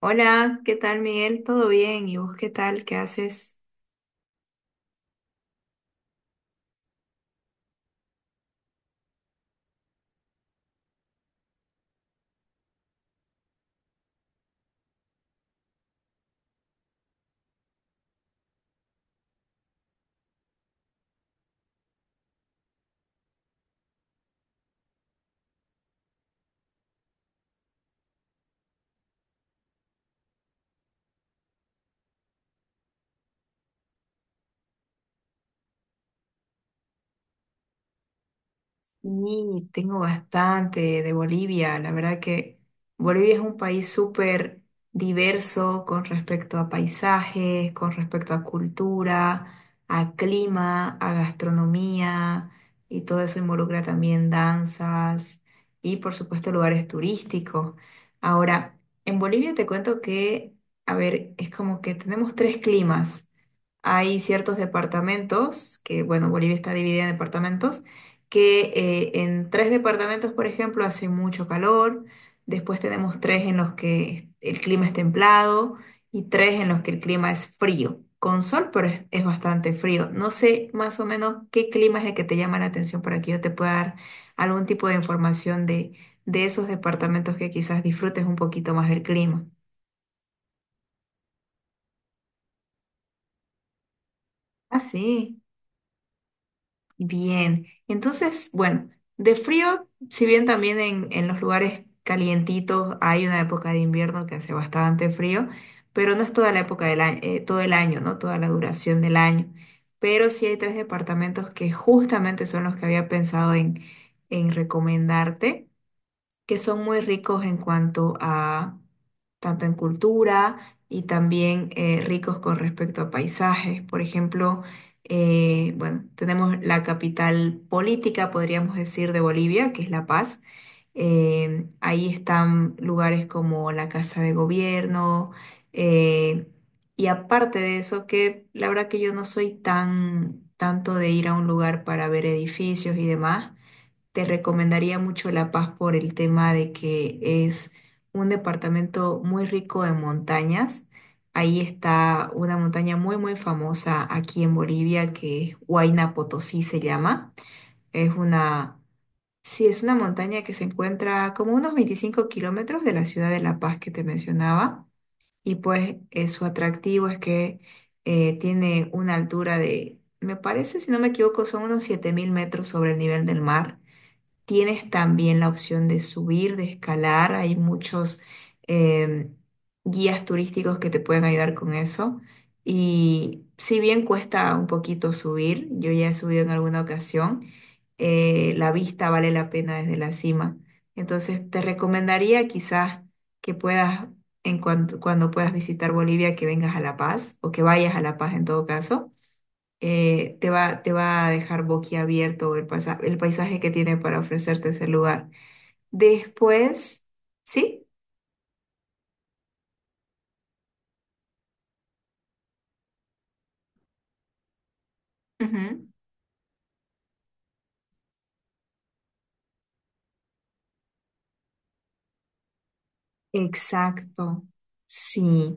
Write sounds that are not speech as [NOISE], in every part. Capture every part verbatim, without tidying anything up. Hola, ¿qué tal Miguel? ¿Todo bien? ¿Y vos qué tal? ¿Qué haces? Y tengo bastante de Bolivia. La verdad que Bolivia es un país súper diverso con respecto a paisajes, con respecto a cultura, a clima, a gastronomía y todo eso involucra también danzas y por supuesto lugares turísticos. Ahora, en Bolivia te cuento que, a ver, es como que tenemos tres climas. Hay ciertos departamentos, que bueno, Bolivia está dividida en departamentos que eh, en tres departamentos, por ejemplo, hace mucho calor, después tenemos tres en los que el clima es templado y tres en los que el clima es frío, con sol, pero es, es bastante frío. No sé más o menos qué clima es el que te llama la atención para que yo te pueda dar algún tipo de información de, de esos departamentos que quizás disfrutes un poquito más del clima. Ah, sí. Bien, entonces, bueno, de frío, si bien también en, en los lugares calientitos hay una época de invierno que hace bastante frío, pero no es toda la época del año, eh, todo el año, ¿no? Toda la duración del año. Pero sí hay tres departamentos que justamente son los que había pensado en, en recomendarte que son muy ricos en cuanto a, tanto en cultura y también eh, ricos con respecto a paisajes. Por ejemplo, eh, bueno, tenemos la capital política, podríamos decir, de Bolivia, que es La Paz. Eh, ahí están lugares como la Casa de Gobierno. eh, y aparte de eso, que la verdad que yo no soy tan tanto de ir a un lugar para ver edificios y demás. Te recomendaría mucho La Paz por el tema de que es un departamento muy rico en montañas. Ahí está una montaña muy, muy famosa aquí en Bolivia que es Huayna Potosí se llama. Es una, sí, es una montaña que se encuentra como unos veinticinco kilómetros de la ciudad de La Paz que te mencionaba. Y pues eh, su atractivo es que eh, tiene una altura de, me parece, si no me equivoco, son unos siete mil metros sobre el nivel del mar. Tienes también la opción de subir, de escalar. Hay muchos eh, guías turísticos que te pueden ayudar con eso. Y si bien cuesta un poquito subir, yo ya he subido en alguna ocasión, eh, la vista vale la pena desde la cima. Entonces te recomendaría quizás que puedas, en cuanto, cuando puedas visitar Bolivia, que vengas a La Paz o que vayas a La Paz en todo caso eh, te va, te va a dejar boquiabierto el pasa- el paisaje que tiene para ofrecerte ese lugar. Después, ¿sí? Ujú. Exacto, sí.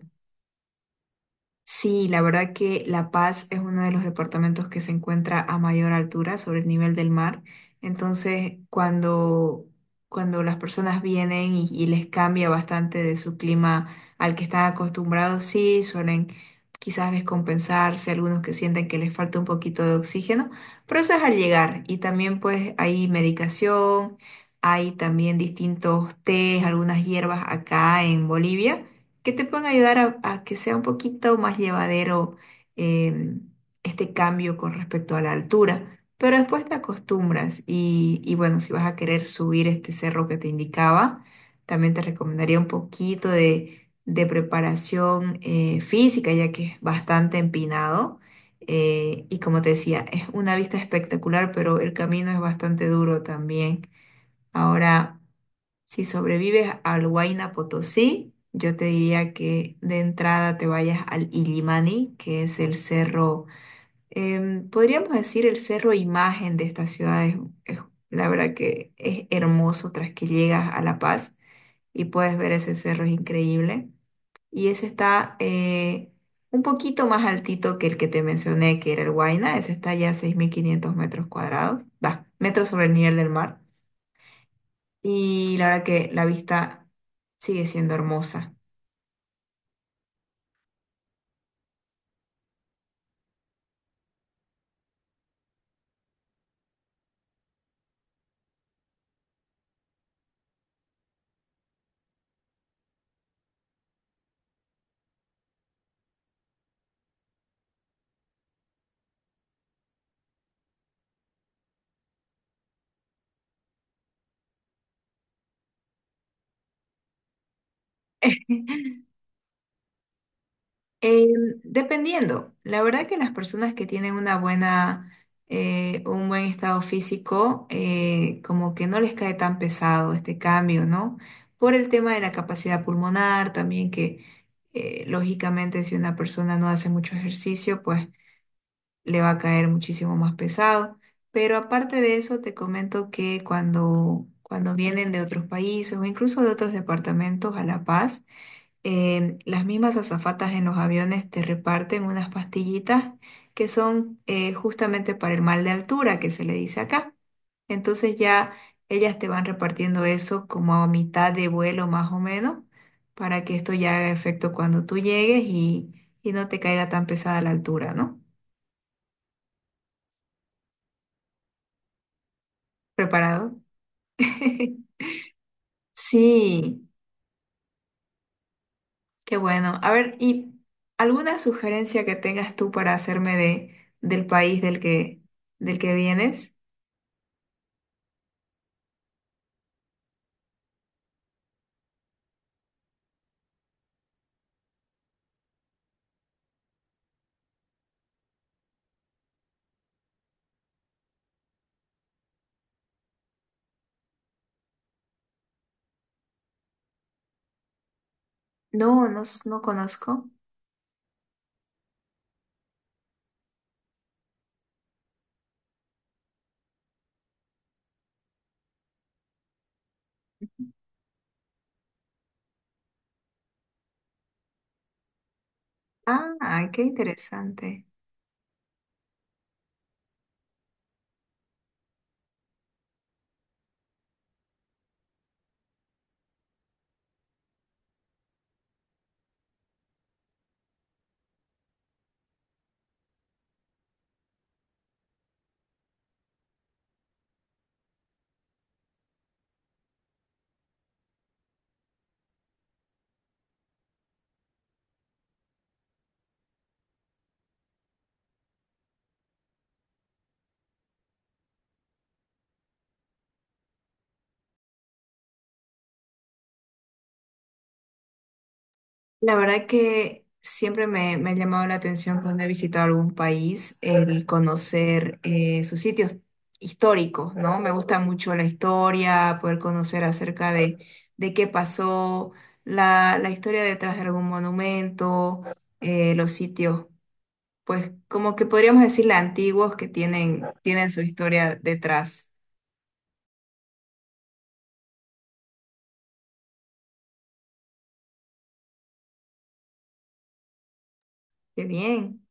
Sí, la verdad que La Paz es uno de los departamentos que se encuentra a mayor altura sobre el nivel del mar. Entonces, cuando, cuando las personas vienen y, y les cambia bastante de su clima al que están acostumbrados, sí, suelen quizás descompensarse, algunos que sienten que les falta un poquito de oxígeno, pero eso es al llegar. Y también pues hay medicación, hay también distintos tés, algunas hierbas acá en Bolivia que te pueden ayudar a, a que sea un poquito más llevadero eh, este cambio con respecto a la altura. Pero después te acostumbras y, y bueno, si vas a querer subir este cerro que te indicaba, también te recomendaría un poquito de, de preparación eh, física, ya que es bastante empinado. Eh, y como te decía, es una vista espectacular, pero el camino es bastante duro también. Ahora... Si sobrevives al Huayna Potosí, yo te diría que de entrada te vayas al Illimani, que es el cerro, em, podríamos decir el cerro imagen de esta ciudad. Es, es- la verdad que es hermoso tras que llegas a La Paz y puedes ver ese cerro, es increíble. Y ese está eh, un poquito más altito que el que te mencioné, que era el Huayna. Ese está ya a seis mil quinientos metros cuadrados, va, metros sobre el nivel del mar. Y la verdad que la vista sigue siendo hermosa. [LAUGHS] Em, Dependiendo, la verdad que las personas que tienen una buena, eh, un buen estado físico, eh, como que no les cae tan pesado este cambio, ¿no? Por el tema de la capacidad pulmonar, también que eh, lógicamente si una persona no hace mucho ejercicio, pues le va a caer muchísimo más pesado. Pero aparte de eso, te comento que cuando, cuando vienen de otros países o incluso de otros departamentos a La Paz, eh, las mismas azafatas en los aviones te reparten unas pastillitas que son eh, justamente para el mal de altura, que se le dice acá. Entonces ya ellas te van repartiendo eso como a mitad de vuelo más o menos, para que esto ya haga efecto cuando tú llegues y, y no te caiga tan pesada la altura, ¿no? ¿Preparado? [LAUGHS] Sí, qué bueno. A ver, ¿y alguna sugerencia que tengas tú para hacerme de, del país del que, del que vienes? No, no, s- no conozco. Ah, qué interesante. La verdad que siempre me, me ha llamado la atención cuando he visitado algún país el conocer eh, sus sitios históricos, ¿no? Me gusta mucho la historia, poder conocer acerca de, de qué pasó, la, la historia detrás de algún monumento, eh, los sitios, pues como que podríamos decirle antiguos que tienen, tienen su historia detrás. Qué bien.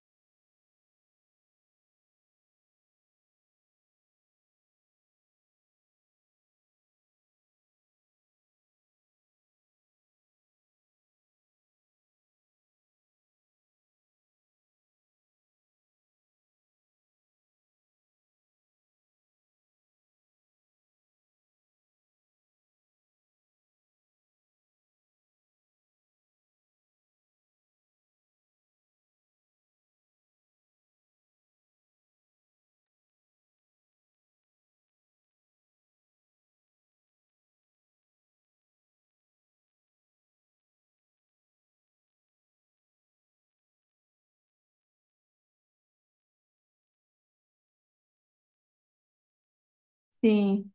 Sí,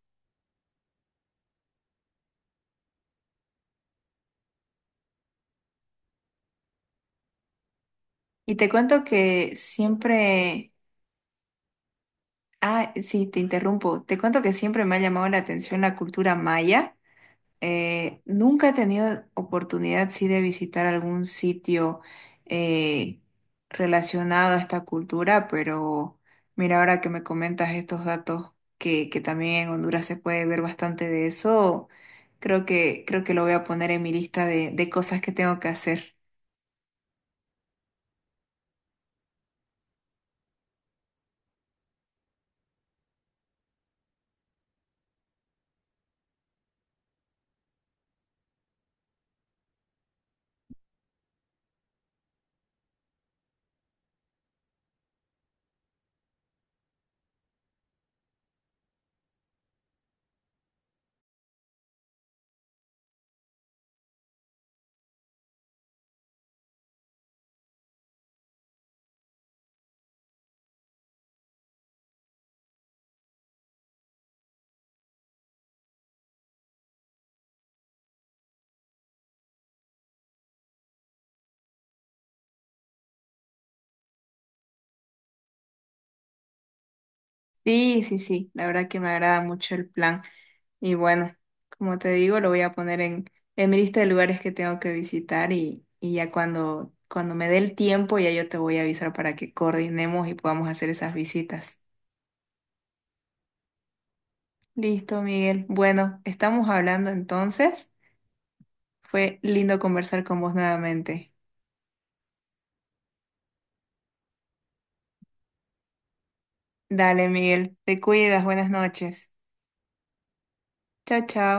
y te cuento que siempre. Ah, sí, te interrumpo. Te cuento que siempre me ha llamado la atención la cultura maya. Eh, nunca he tenido oportunidad, sí, de visitar algún sitio eh, relacionado a esta cultura, pero mira, ahora que me comentas estos datos, que, que también en Honduras se puede ver bastante de eso, creo que, creo que lo voy a poner en mi lista de, de cosas que tengo que hacer. Sí, sí, sí, la verdad que me agrada mucho el plan. Y bueno, como te digo, lo voy a poner en, en mi lista de lugares que tengo que visitar y, y ya cuando, cuando me dé el tiempo, ya yo te voy a avisar para que coordinemos y podamos hacer esas visitas. Listo, Miguel. Bueno, estamos hablando entonces. Fue lindo conversar con vos nuevamente. Dale, Miguel, te cuidas, buenas noches. Chao, chao.